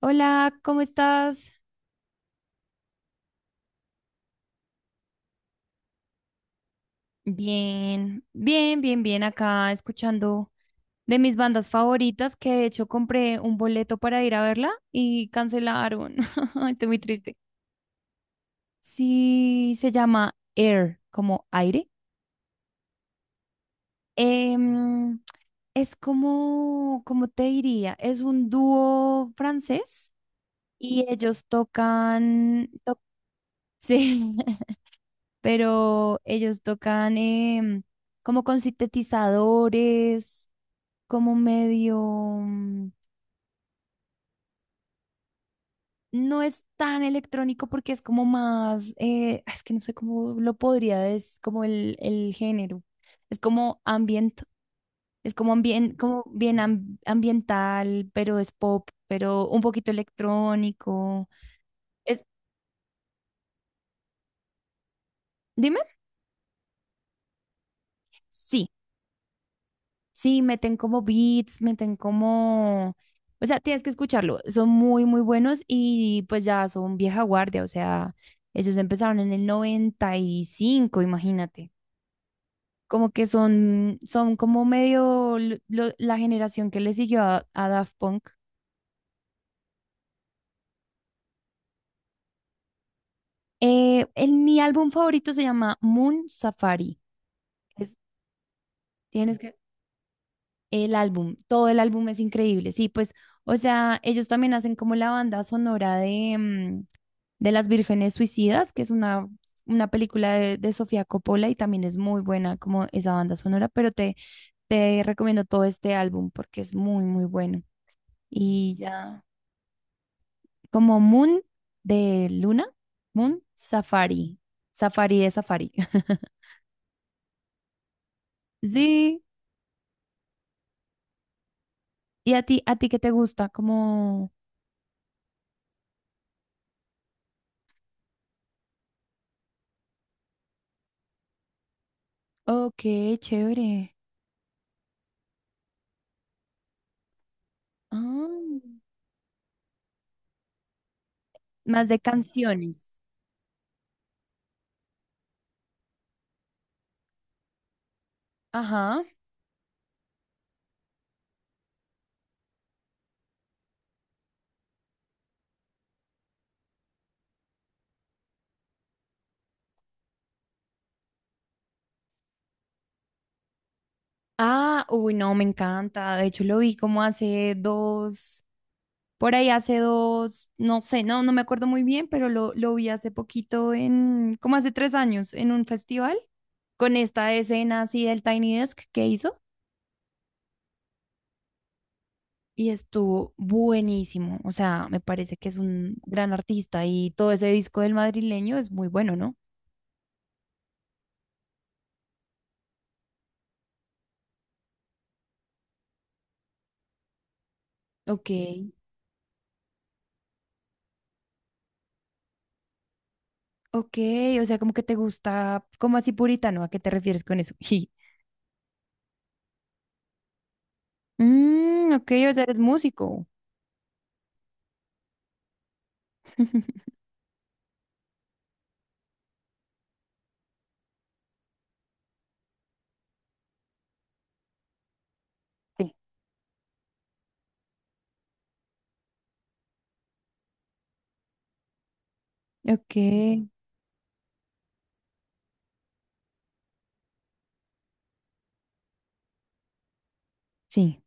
Hola, ¿cómo estás? Bien, bien, bien, bien acá escuchando de mis bandas favoritas que de hecho compré un boleto para ir a verla y cancelaron. Ay, estoy muy triste. Sí, se llama Air, como aire. Em, es como, ¿cómo te diría? Es un dúo francés y ellos tocan, sí, pero ellos tocan em, como con sintetizadores como medio, no es tan electrónico porque es como más, es que no sé cómo lo podría, es como el género, es como ambient, es como, ambiental, pero es pop, pero un poquito electrónico. Es, dime, sí. Sí, meten como beats, meten como... O sea, tienes que escucharlo. Son muy, muy buenos y pues ya son vieja guardia. O sea, ellos empezaron en el 95. Imagínate. Como que son, son como medio la generación que le siguió a Daft Punk. Mi álbum favorito se llama Moon Safari. Es- Tienes que... El álbum, todo el álbum es increíble. Sí, pues, o sea, ellos también hacen como la banda sonora de Las Vírgenes Suicidas, que es una película de Sofía Coppola y también es muy buena como esa banda sonora, pero te recomiendo todo este álbum porque es muy, muy bueno. Y ya, como Moon de Luna, Moon Safari, Safari de Safari. Sí, y a ti, qué te gusta, como, ok, chévere. Ah. Más de canciones. Ajá. Ah, uy, no, me encanta. De hecho, lo vi como hace dos, por ahí hace dos, no sé, no me acuerdo muy bien, pero lo vi hace poquito en, como hace 3 años, en un festival, con esta escena así del Tiny Desk que hizo. Y estuvo buenísimo. O sea, me parece que es un gran artista y todo ese disco del madrileño es muy bueno, ¿no? Ok, ok, o sea, como que te gusta, como así puritano, ¿a qué te refieres con eso? Mm, ok, o sea, eres músico. Sí. Ok, sí.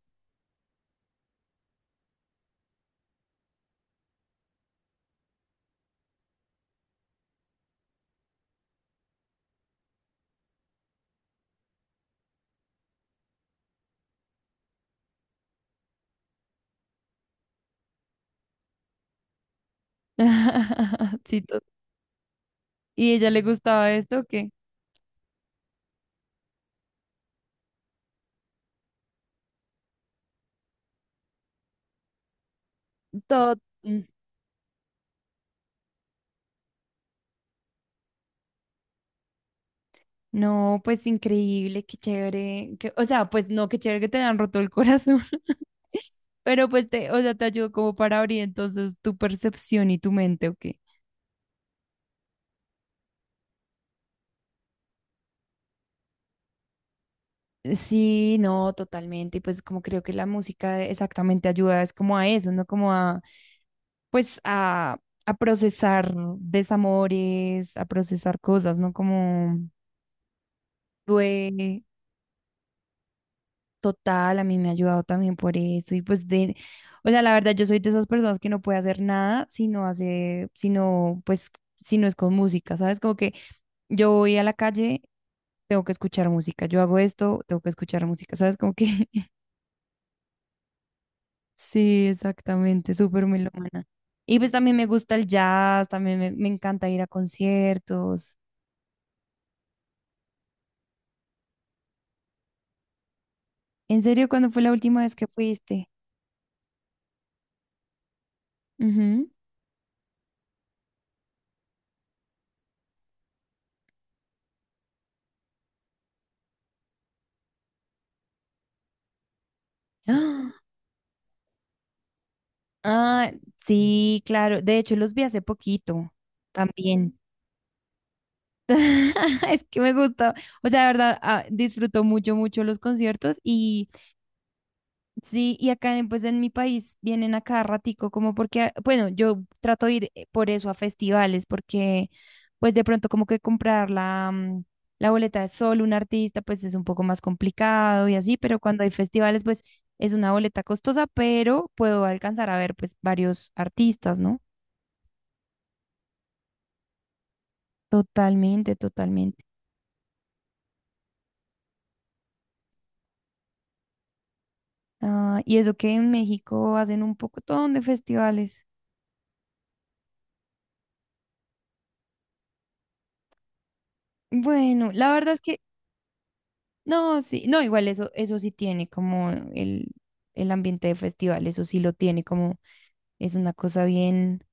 Sí, ¿y ella le gustaba esto o qué? Todo, mm, no, pues increíble, qué chévere. O sea, pues no, qué chévere que te han roto el corazón. Pero pues te, o sea, te ayudó como para abrir entonces tu percepción y tu mente, ¿o qué? Sí, no, totalmente. Y pues como creo que la música exactamente ayuda es como a eso, ¿no? Como a pues a procesar desamores, a procesar cosas, ¿no? Como duele total, a mí me ha ayudado también por eso y pues de, o sea, la verdad yo soy de esas personas que no puede hacer nada si no hace, si no, pues, si no es con música, ¿sabes? Como que yo voy a la calle, tengo que escuchar música, yo hago esto, tengo que escuchar música, ¿sabes? Como que sí, exactamente, súper melómana. Y pues también me gusta el jazz, también me encanta ir a conciertos. ¿En serio cuándo fue la última vez que fuiste? Ujú. ¡Ah! Ah, sí, claro. De hecho, los vi hace poquito también. Es que me gustó. O sea, de verdad, ah, disfruto mucho, mucho los conciertos y. Sí, y acá pues en mi país vienen a cada ratico, como porque, bueno, yo trato de ir por eso a festivales, porque pues de pronto como que comprar la boleta de solo un artista, pues es un poco más complicado y así, pero cuando hay festivales, pues es una boleta costosa, pero puedo alcanzar a ver pues varios artistas, ¿no? Totalmente, totalmente. Ah, y eso que en México hacen un poco de festivales. Bueno, la verdad es que no, sí, no, igual eso, eso sí tiene como el ambiente de festival, eso sí lo tiene como, es una cosa bien,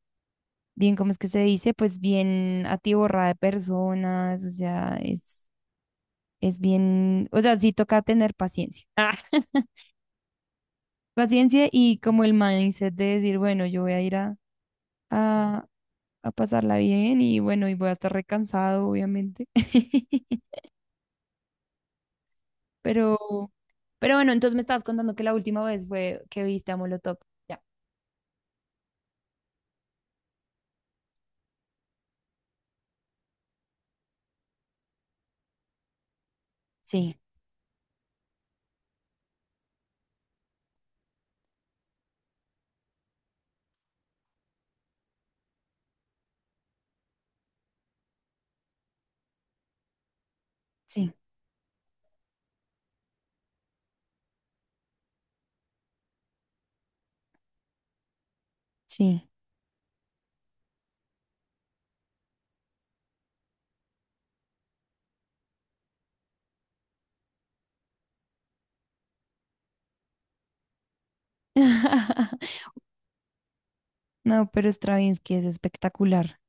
bien, ¿cómo es que se dice? Pues bien atiborrada de personas, o sea, es, bien, o sea, sí toca tener paciencia. Ah, paciencia y como el mindset de decir, bueno, yo voy a ir a, a, a pasarla bien y bueno, y voy a estar recansado, obviamente. Pero, pero bueno, entonces me estabas contando que la última vez fue que viste a Molotov. Sí, sí, sí. No, pero Stravinsky es espectacular.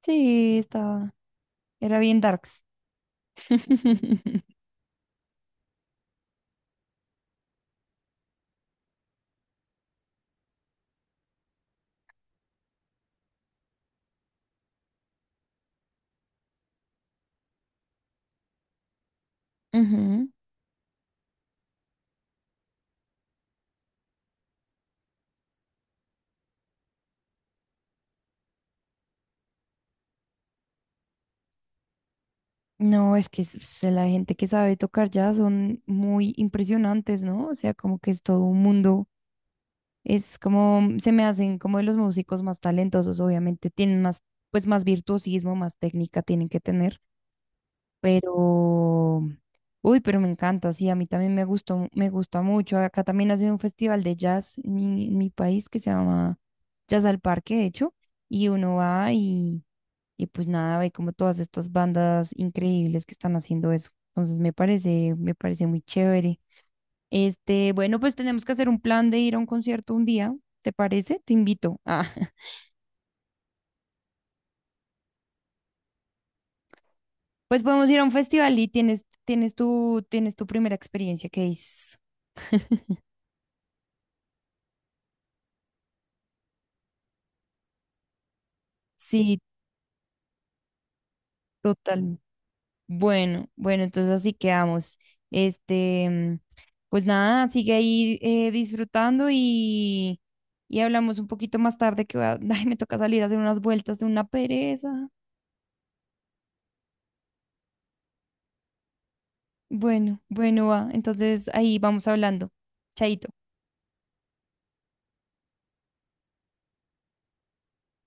Sí, estaba. Era bien darks. Ujú. No, es que la gente que sabe tocar ya son muy impresionantes, ¿no? O sea, como que es todo un mundo. Es como, se me hacen como de los músicos más talentosos, obviamente tienen más, pues más virtuosismo, más técnica tienen que tener. Pero, uy, pero me encanta, sí, a mí también me gustó, me gusta mucho. Acá también hace un festival de jazz en mi país que se llama Jazz al Parque, de hecho, y uno va y pues nada, ve como todas estas bandas increíbles que están haciendo eso. Entonces me parece muy chévere. Este, bueno, pues tenemos que hacer un plan de ir a un concierto un día, ¿te parece? Te invito. Ah, pues podemos ir a un festival y tienes tu primera experiencia, que es, sí, total. Bueno, bueno, entonces así quedamos. Este, pues nada, sigue ahí disfrutando y hablamos un poquito más tarde que ay, me toca salir a hacer unas vueltas de una pereza. Bueno, bueno, va. Entonces ahí vamos hablando. Chaito.